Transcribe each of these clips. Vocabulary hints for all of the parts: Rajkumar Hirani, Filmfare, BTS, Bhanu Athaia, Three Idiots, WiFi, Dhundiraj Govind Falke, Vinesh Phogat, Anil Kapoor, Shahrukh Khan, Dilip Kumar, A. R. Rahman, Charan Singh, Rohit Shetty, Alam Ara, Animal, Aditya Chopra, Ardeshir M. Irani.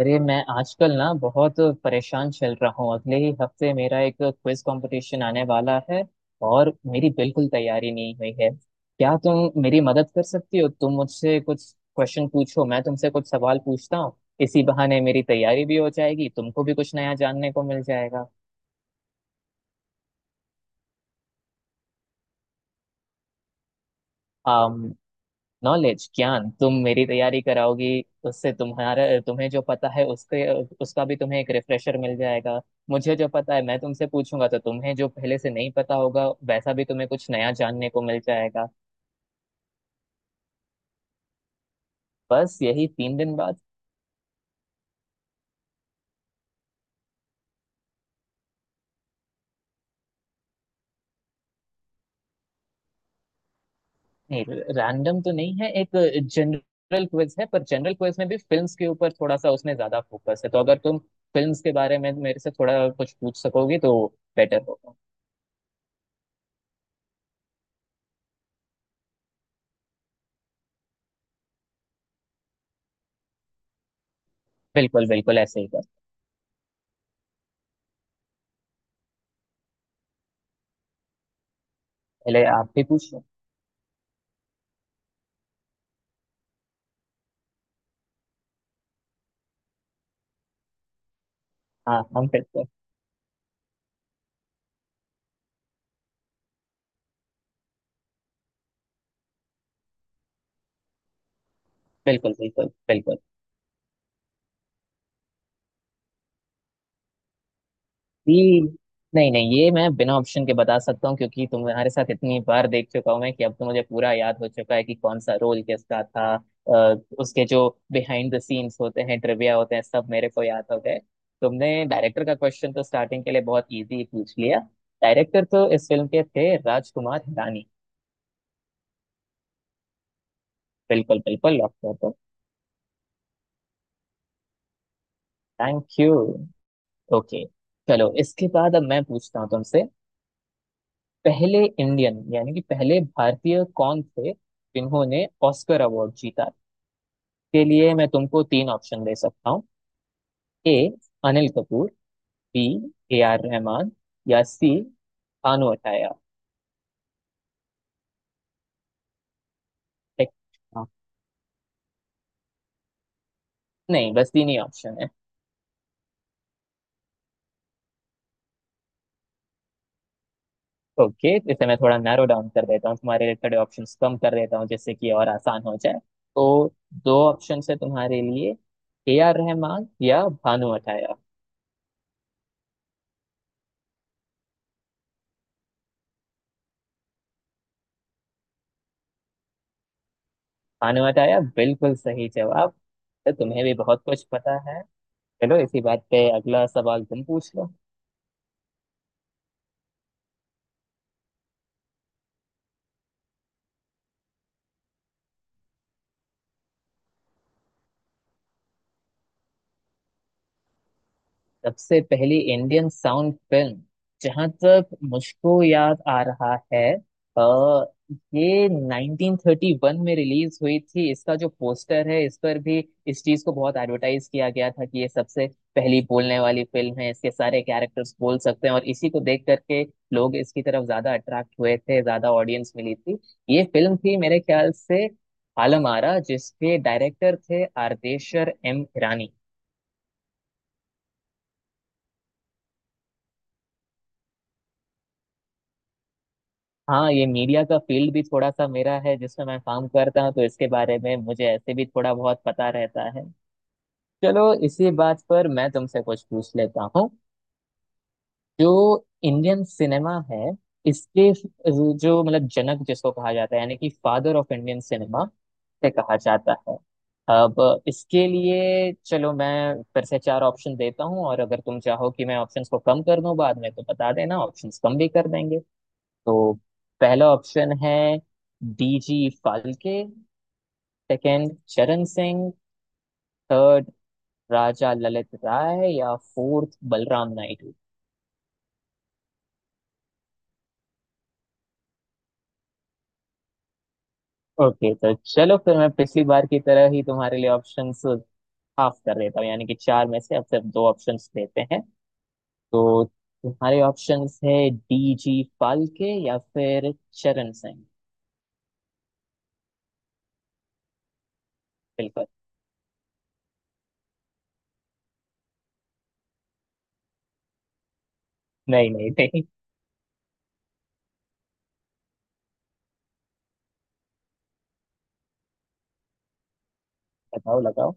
अरे, मैं आजकल ना बहुत परेशान चल रहा हूँ। अगले ही हफ्ते मेरा एक क्विज कंपटीशन आने वाला है और मेरी बिल्कुल तैयारी नहीं हुई है। क्या तुम मेरी मदद कर सकती हो? तुम मुझसे कुछ क्वेश्चन पूछो, मैं तुमसे कुछ सवाल पूछता हूँ। इसी बहाने मेरी तैयारी भी हो जाएगी, तुमको भी कुछ नया जानने को मिल जाएगा। नॉलेज, ज्ञान। तुम मेरी तैयारी कराओगे उससे तुम्हारा तुम्हें जो पता है उसके उसका भी तुम्हें एक रिफ्रेशर मिल जाएगा। मुझे जो पता है मैं तुमसे पूछूंगा तो तुम्हें जो पहले से नहीं पता होगा वैसा भी तुम्हें कुछ नया जानने को मिल जाएगा। बस यही 3 दिन बाद। नहीं, रैंडम तो नहीं है। एक जनरल क्विज है, पर जनरल क्विज में भी फिल्म्स के ऊपर थोड़ा सा उसमें ज्यादा फोकस है, तो अगर तुम फिल्म्स के बारे में मेरे से थोड़ा कुछ पूछ सकोगे तो बेटर होगा। बिल्कुल बिल्कुल, ऐसे ही कर। पहले आप भी पूछ लो। हाँ, हम फिर। बिल्कुल बिल्कुल बिल्कुल। ये नहीं नहीं, ये मैं बिना ऑप्शन के बता सकता हूँ, क्योंकि तुम्हारे साथ इतनी बार देख चुका हूँ मैं कि अब तो मुझे पूरा याद हो चुका है कि कौन सा रोल किसका था। उसके जो बिहाइंड द सीन्स होते हैं, ट्रिविया होते हैं, सब मेरे को याद हो गए। तुमने डायरेक्टर का क्वेश्चन तो स्टार्टिंग के लिए बहुत इजी पूछ लिया। डायरेक्टर तो इस फिल्म के थे राजकुमार हिरानी। बिल्कुल बिल्कुल, लॉक कर दो। Thank you. ओके, चलो इसके बाद अब मैं पूछता हूँ तुमसे। पहले इंडियन यानी कि पहले भारतीय कौन थे जिन्होंने ऑस्कर अवार्ड जीता, के लिए मैं तुमको तीन ऑप्शन दे सकता हूँ। A, Anil Kapoor. B, A R Rahman. या सी, भानु अथैया। ठीक। हाँ। नहीं, बस तीन ही ऑप्शन है। ओके, इसे मैं थोड़ा नैरो डाउन कर देता हूँ तुम्हारे लिए, थोड़े ऑप्शन कम कर देता हूँ जिससे कि और आसान हो जाए। तो दो ऑप्शन है तुम्हारे लिए, ए आर रहमान या भानु अथैया। भानुमति आया, बिल्कुल सही जवाब। तो तुम्हें भी बहुत कुछ पता है। चलो इसी बात पे अगला सवाल तुम पूछ लो। सबसे पहली इंडियन साउंड फिल्म, जहां तक मुझको याद आ रहा है, आ, ये 1931 में रिलीज हुई थी। इसका जो पोस्टर है इस पर भी इस चीज को बहुत एडवर्टाइज किया गया था कि ये सबसे पहली बोलने वाली फिल्म है, इसके सारे कैरेक्टर्स बोल सकते हैं, और इसी को देख करके लोग इसकी तरफ ज्यादा अट्रैक्ट हुए थे, ज्यादा ऑडियंस मिली थी। ये फिल्म थी मेरे ख्याल से आलम आरा, जिसके डायरेक्टर थे आरदेशर एम ईरानी। हाँ, ये मीडिया का फील्ड भी थोड़ा सा मेरा है जिसमें मैं काम करता हूँ, तो इसके बारे में मुझे ऐसे भी थोड़ा बहुत पता रहता है। चलो इसी बात पर मैं तुमसे कुछ पूछ लेता हूँ। जो इंडियन सिनेमा है, इसके जो, मतलब, जनक जिसको कहा जाता है, यानी कि फादर ऑफ इंडियन सिनेमा से कहा जाता है। अब इसके लिए चलो मैं फिर से चार ऑप्शन देता हूँ, और अगर तुम चाहो कि मैं ऑप्शंस को कम कर दूं बाद में तो बता देना, ऑप्शंस कम भी कर देंगे। तो पहला ऑप्शन है DG Phalke. Second, Charan Singh. Third, Raja Lalit Rai. या फोर्थ, बलराम नायडू। ओके, तो चलो फिर मैं पिछली बार की तरह ही तुम्हारे लिए ऑप्शंस हाफ कर देता हूँ, यानी कि चार में से अब सिर्फ दो ऑप्शंस देते हैं। तो तुम्हारे ऑप्शंस है डीजी फाल्के या फिर चरण सिंह। बिल्कुल। नहीं नहीं नहीं। बताओ, लगाओ।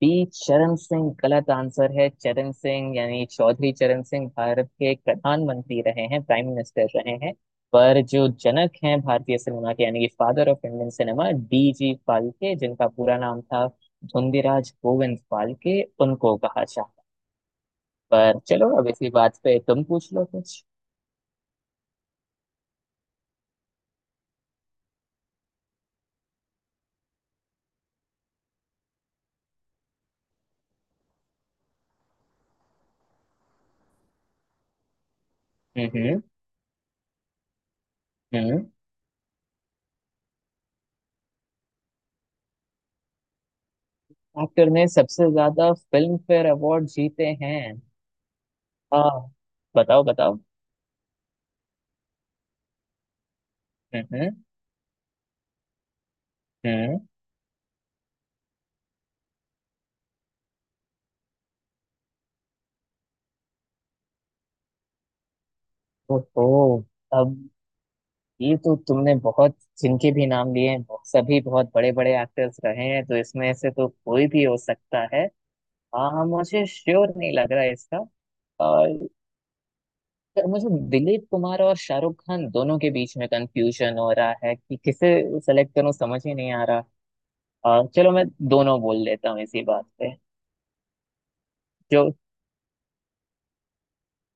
पी चरण सिंह गलत आंसर है। चरण सिंह यानी चौधरी चरण सिंह भारत के प्रधानमंत्री रहे हैं, प्राइम मिनिस्टर रहे हैं। पर जो जनक हैं भारतीय सिनेमा के, यानी कि father of Indian cinema, D G Phalke, जिनका पूरा नाम था धुंधीराज गोविंद फाल्के, उनको कहा जाता। पर चलो अब इसी बात पे तुम पूछ लो कुछ। हम्म। हम्म। एक्टर ने सबसे ज्यादा फिल्म फेयर अवार्ड जीते हैं। हाँ, बताओ बताओ। हम्म। हम्म। हम्म। ओहो, अब ये तो तुमने बहुत, जिनके भी नाम लिए हैं बहुत- सभी बहुत बड़े बड़े एक्टर्स रहे हैं, तो इसमें से तो कोई भी हो सकता है। हाँ, मुझे श्योर नहीं लग रहा है इसका। और मुझे दिलीप कुमार और शाहरुख खान दोनों के बीच में कंफ्यूजन हो रहा है कि किसे सेलेक्ट करूं, समझ ही नहीं आ रहा। चलो मैं दोनों बोल लेता हूँ इसी बात पे। जो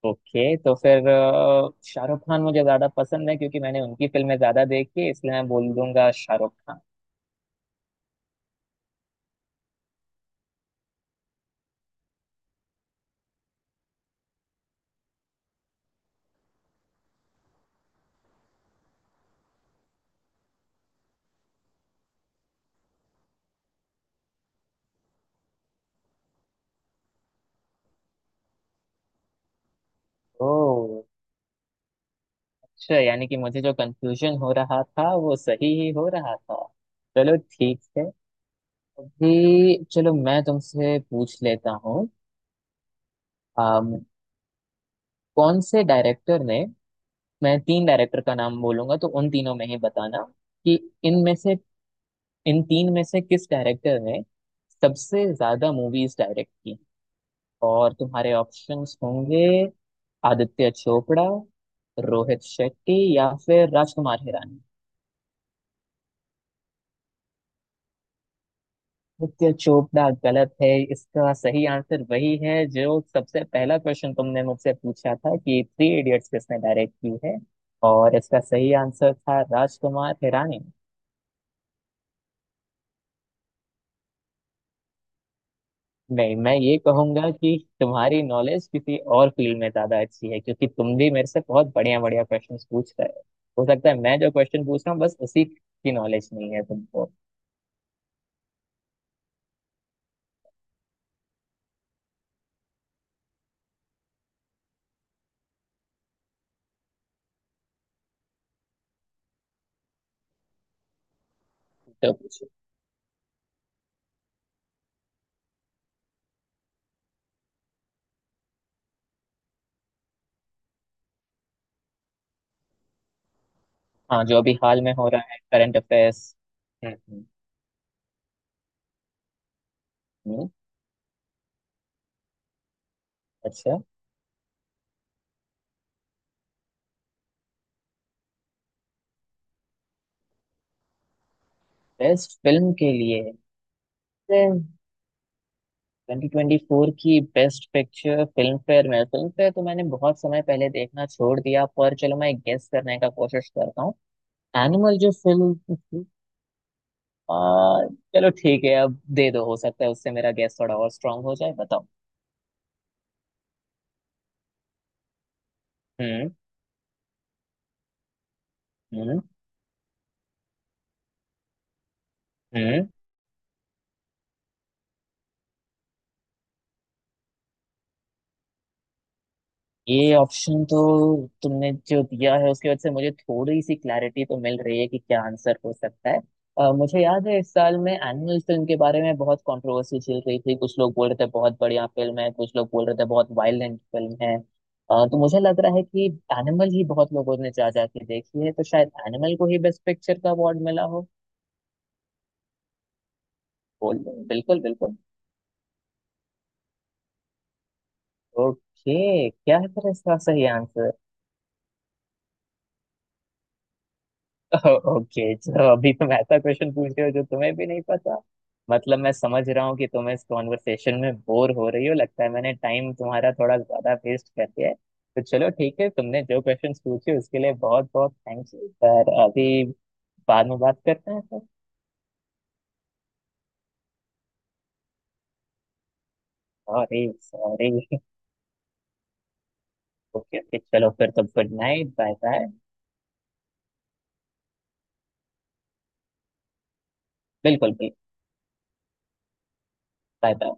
ओके, तो फिर शाहरुख खान मुझे ज्यादा पसंद है, क्योंकि मैंने उनकी फिल्में ज्यादा देखी है, इसलिए मैं बोल दूंगा शाहरुख खान। ओ, अच्छा, यानी कि मुझे जो कंफ्यूजन हो रहा था वो सही ही हो रहा था। चलो ठीक है। अभी चलो मैं तुमसे पूछ लेता हूँ। अम, कौन से डायरेक्टर ने, मैं तीन डायरेक्टर का नाम बोलूंगा, तो उन तीनों में ही बताना कि इनमें से, इन तीन में से किस डायरेक्टर ने सबसे ज्यादा मूवीज डायरेक्ट की। और तुम्हारे ऑप्शंस होंगे आदित्य चोपड़ा, रोहित शेट्टी, या फिर राजकुमार हिरानी। नित्य चोपड़ा गलत है। इसका सही आंसर वही है जो सबसे पहला क्वेश्चन तुमने मुझसे पूछा था कि थ्री इडियट्स किसने डायरेक्ट की है, और इसका सही आंसर था राजकुमार हिरानी। नहीं, मैं ये कहूंगा कि तुम्हारी नॉलेज किसी और फील्ड में ज्यादा अच्छी है, क्योंकि तुम भी मेरे से बहुत बढ़िया बढ़िया क्वेश्चंस पूछ रहे हो। हो सकता है मैं जो क्वेश्चन पूछ रहा हूँ बस उसी की नॉलेज नहीं है तुमको। तो पूछो। हाँ, जो अभी हाल में हो रहा है, करंट अफेयर्स। हम्म। हम्म। हम्म। अच्छा। बेस्ट फिल्म के लिए 2024 की बेस्ट पिक्चर, फिल्म फेयर में? फिल्म फेयर तो मैंने बहुत समय पहले देखना छोड़ दिया, पर चलो मैं गेस करने का कोशिश करता हूँ। एनिमल जो फिल्म थी। आ, चलो ठीक है, अब दे दो, हो सकता है उससे मेरा गेस थोड़ा और स्ट्रांग हो जाए, बताओ। हम्म। हम्म। हम्म। ये ऑप्शन तो तुमने जो दिया है उसकी वजह से मुझे थोड़ी सी क्लैरिटी तो मिल रही है कि क्या आंसर हो सकता है। मुझे याद है इस साल में एनिमल फिल्म के बारे में बहुत कंट्रोवर्सी चल रही थी, कुछ लोग बोल रहे थे बहुत बढ़िया फिल्म है, कुछ लोग बोल रहे थे बहुत वायलेंट फिल्म है। तो मुझे लग रहा है कि एनिमल ही बहुत लोगों ने जा जा के देखी है, तो शायद एनिमल को ही बेस्ट पिक्चर का अवार्ड मिला हो। बोल दो, बिल्कुल बिल्कुल। ओके, क्या है फिर इसका सही आंसर? ओके, तो अभी तुम ऐसा क्वेश्चन पूछ रहे हो जो तुम्हें भी नहीं पता। मतलब मैं समझ रहा हूँ कि तुम इस कॉन्वर्सेशन में बोर हो रही हो। लगता है मैंने टाइम तुम्हारा थोड़ा ज्यादा वेस्ट कर दिया है, तो चलो ठीक है, तुमने जो क्वेश्चन पूछे उसके लिए बहुत बहुत थैंक्स। पर अभी, बाद में बात करते हैं sir. Sorry sorry. Okay okay, चलो फिर तो गुड नाइट, बाय बाय। बिल्कुल बिल्कुल। Bye bye.